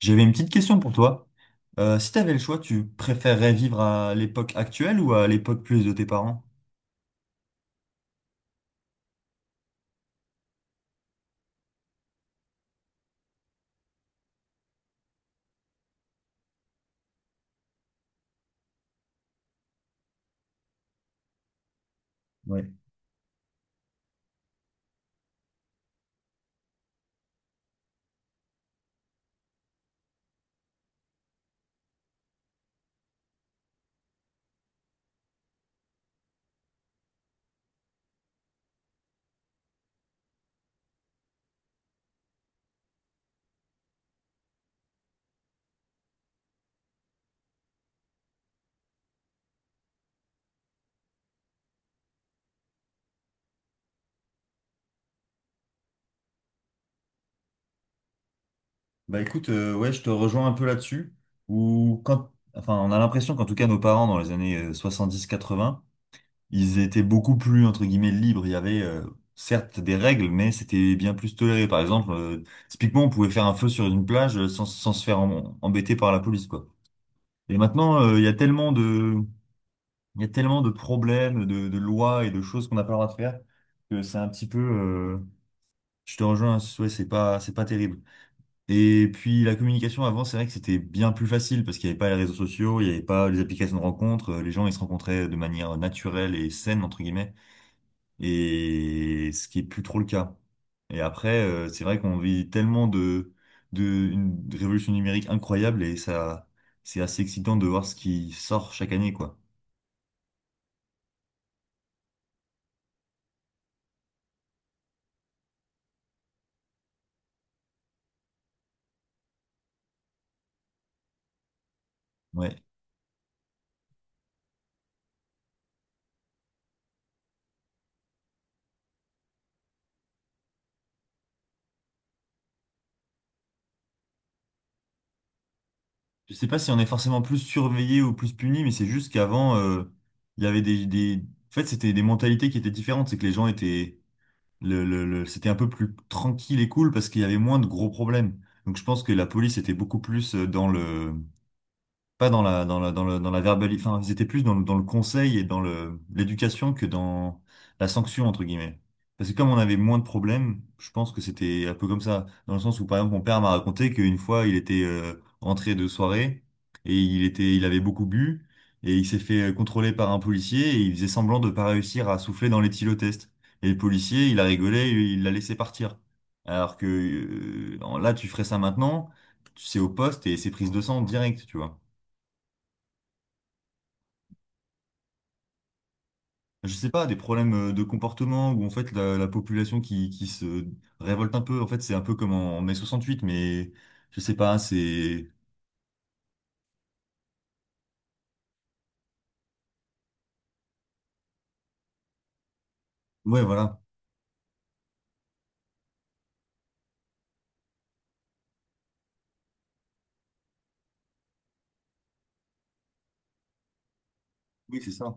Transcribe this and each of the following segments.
J'avais une petite question pour toi. Si tu avais le choix, tu préférerais vivre à l'époque actuelle ou à l'époque plus de tes parents? Ouais. Bah écoute, ouais, je te rejoins un peu là-dessus. Ou quand, enfin, on a l'impression qu'en tout cas nos parents dans les années 70, 80, ils étaient beaucoup plus entre guillemets libres. Il y avait certes des règles, mais c'était bien plus toléré. Par exemple, typiquement, on pouvait faire un feu sur une plage sans se faire embêter par la police, quoi. Et maintenant, il y a tellement de Il y a tellement de problèmes, de lois et de choses qu'on n'a pas le droit de faire que c'est un petit peu, je te rejoins, ouais, c'est pas terrible. Et puis la communication avant, c'est vrai que c'était bien plus facile parce qu'il n'y avait pas les réseaux sociaux, il n'y avait pas les applications de rencontres, les gens ils se rencontraient de manière naturelle et saine entre guillemets, et ce qui est plus trop le cas. Et après, c'est vrai qu'on vit tellement de une révolution numérique incroyable et ça, c'est assez excitant de voir ce qui sort chaque année, quoi. Ouais. Je sais pas si on est forcément plus surveillé ou plus puni, mais c'est juste qu'avant, il y avait En fait, c'était des mentalités qui étaient différentes. C'est que les gens étaient... C'était un peu plus tranquille et cool parce qu'il y avait moins de gros problèmes. Donc je pense que la police était beaucoup plus dans le pas dans la, dans la, dans le, dans la verbali- enfin, ils étaient plus dans le conseil et l'éducation que dans la sanction, entre guillemets. Parce que comme on avait moins de problèmes, je pense que c'était un peu comme ça. Dans le sens où, par exemple, mon père m'a raconté qu'une fois, il était rentré de soirée et il avait beaucoup bu et il s'est fait contrôler par un policier et il faisait semblant de pas réussir à souffler dans l'éthylotest. Et le policier, il a rigolé, il l'a laissé partir. Alors que là, tu ferais ça maintenant, c'est au poste et c'est prise de sang direct, tu vois. Je sais pas, des problèmes de comportement où en fait la population qui se révolte un peu, en fait c'est un peu comme en mai 68, mais je sais pas, c'est... Ouais, voilà. Oui, c'est ça.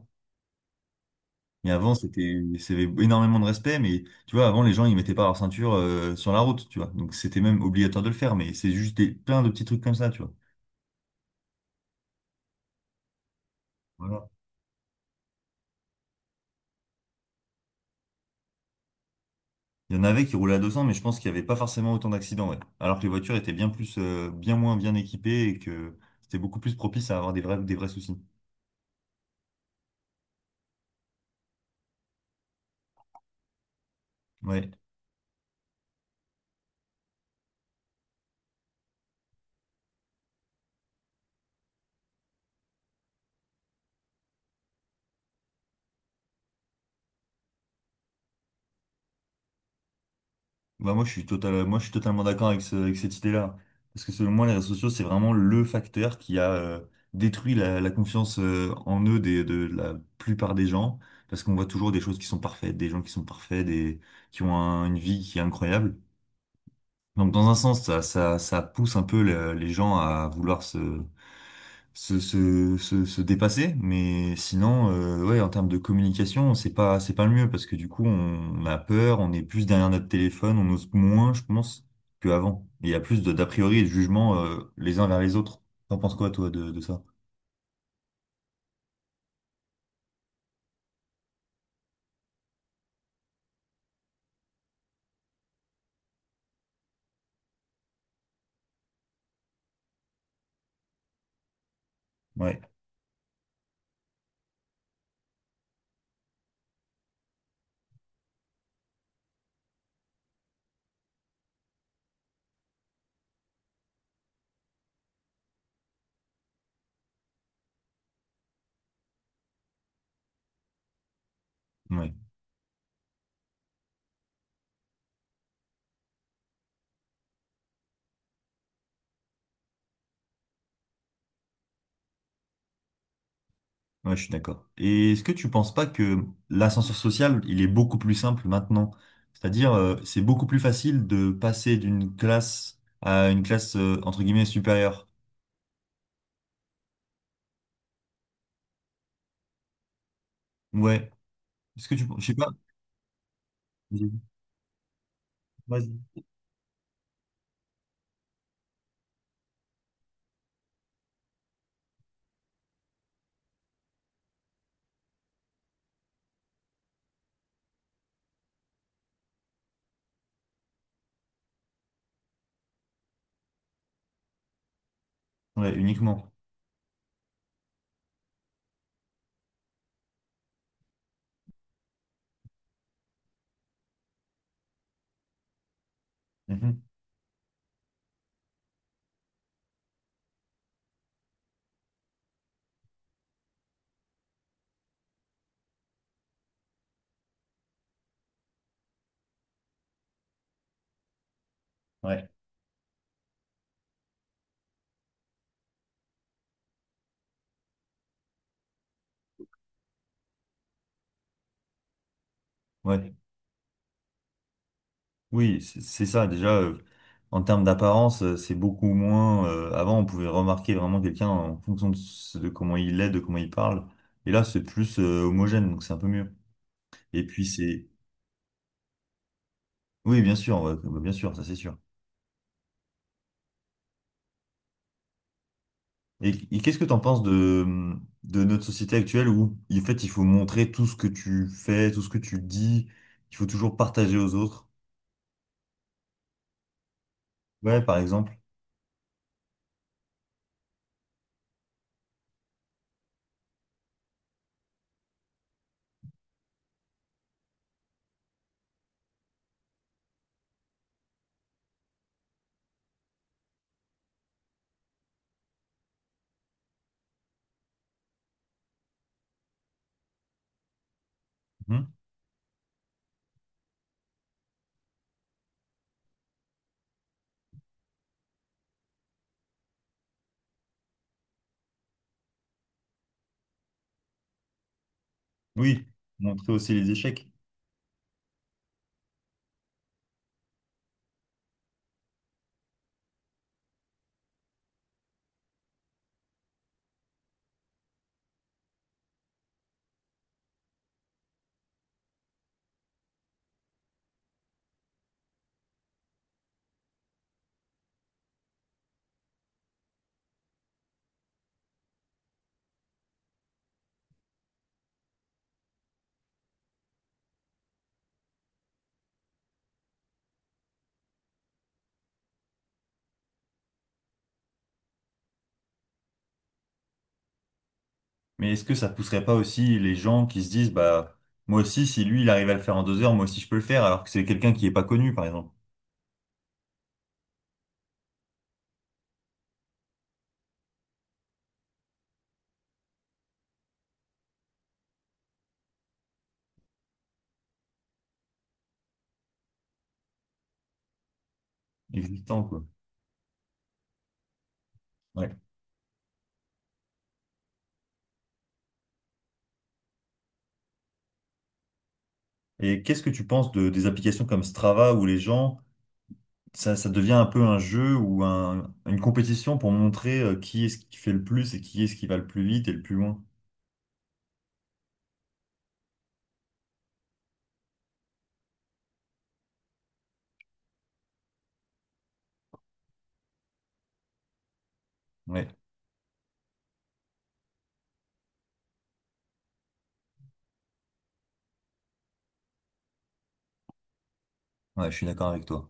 Mais avant, c'était énormément de respect, mais tu vois, avant, les gens, ils mettaient pas leur ceinture sur la route, tu vois. Donc, c'était même obligatoire de le faire, mais c'est juste plein de petits trucs comme ça, tu vois. Voilà. Il y en avait qui roulaient à 200, mais je pense qu'il y avait pas forcément autant d'accidents, ouais. Alors que les voitures étaient bien moins bien équipées et que c'était beaucoup plus propice à avoir des vrais soucis. Ouais. Bah moi, je suis totalement d'accord avec cette idée-là. Parce que selon moi, les réseaux sociaux, c'est vraiment le facteur qui a détruit la confiance en eux de la plupart des gens. Parce qu'on voit toujours des choses qui sont parfaites, des gens qui sont parfaits, qui ont une vie qui est incroyable. Donc dans un sens, ça pousse un peu les gens à vouloir se dépasser. Mais sinon, ouais, en termes de communication, c'est pas le mieux parce que du coup, on a peur, on est plus derrière notre téléphone, on ose moins, je pense, qu'avant. Et il y a plus d'a priori et de jugement les uns vers les autres. T'en penses quoi, toi, de ça? Ouais, ouais, ouais, je suis d'accord. Et est-ce que tu penses pas que l'ascenseur social, il est beaucoup plus simple maintenant? C'est-à-dire, c'est beaucoup plus facile de passer d'une classe à une classe, entre guillemets, supérieure. Ouais. Je sais pas. Vas-y. Ouais, uniquement. Mhm. Ouais, ouais. Oui, c'est ça. Déjà, en termes d'apparence, c'est beaucoup moins. Avant, on pouvait remarquer vraiment quelqu'un en fonction de comment il est, de comment il parle. Et là, c'est plus homogène, donc c'est un peu mieux. Et puis, c'est. Oui, bien sûr, ouais, bah, bien sûr, ça c'est sûr. Et, et qu'est-ce que t'en penses de notre société actuelle où, en fait, il faut montrer tout ce que tu fais, tout ce que tu dis. Il faut toujours partager aux autres. Ouais, par exemple. Mhm. Oui, montrer aussi les échecs. Mais est-ce que ça pousserait pas aussi les gens qui se disent, bah, moi aussi, si lui, il arrive à le faire en 2 heures, moi aussi, je peux le faire, alors que c'est quelqu'un qui est pas connu, par exemple, existant, quoi. Ouais. Et qu'est-ce que tu penses des applications comme Strava où les gens, ça devient un peu un jeu ou une compétition pour montrer qui est-ce qui fait le plus et qui est-ce qui va le plus vite et le plus loin? Ouais, ouais, je suis d'accord avec toi.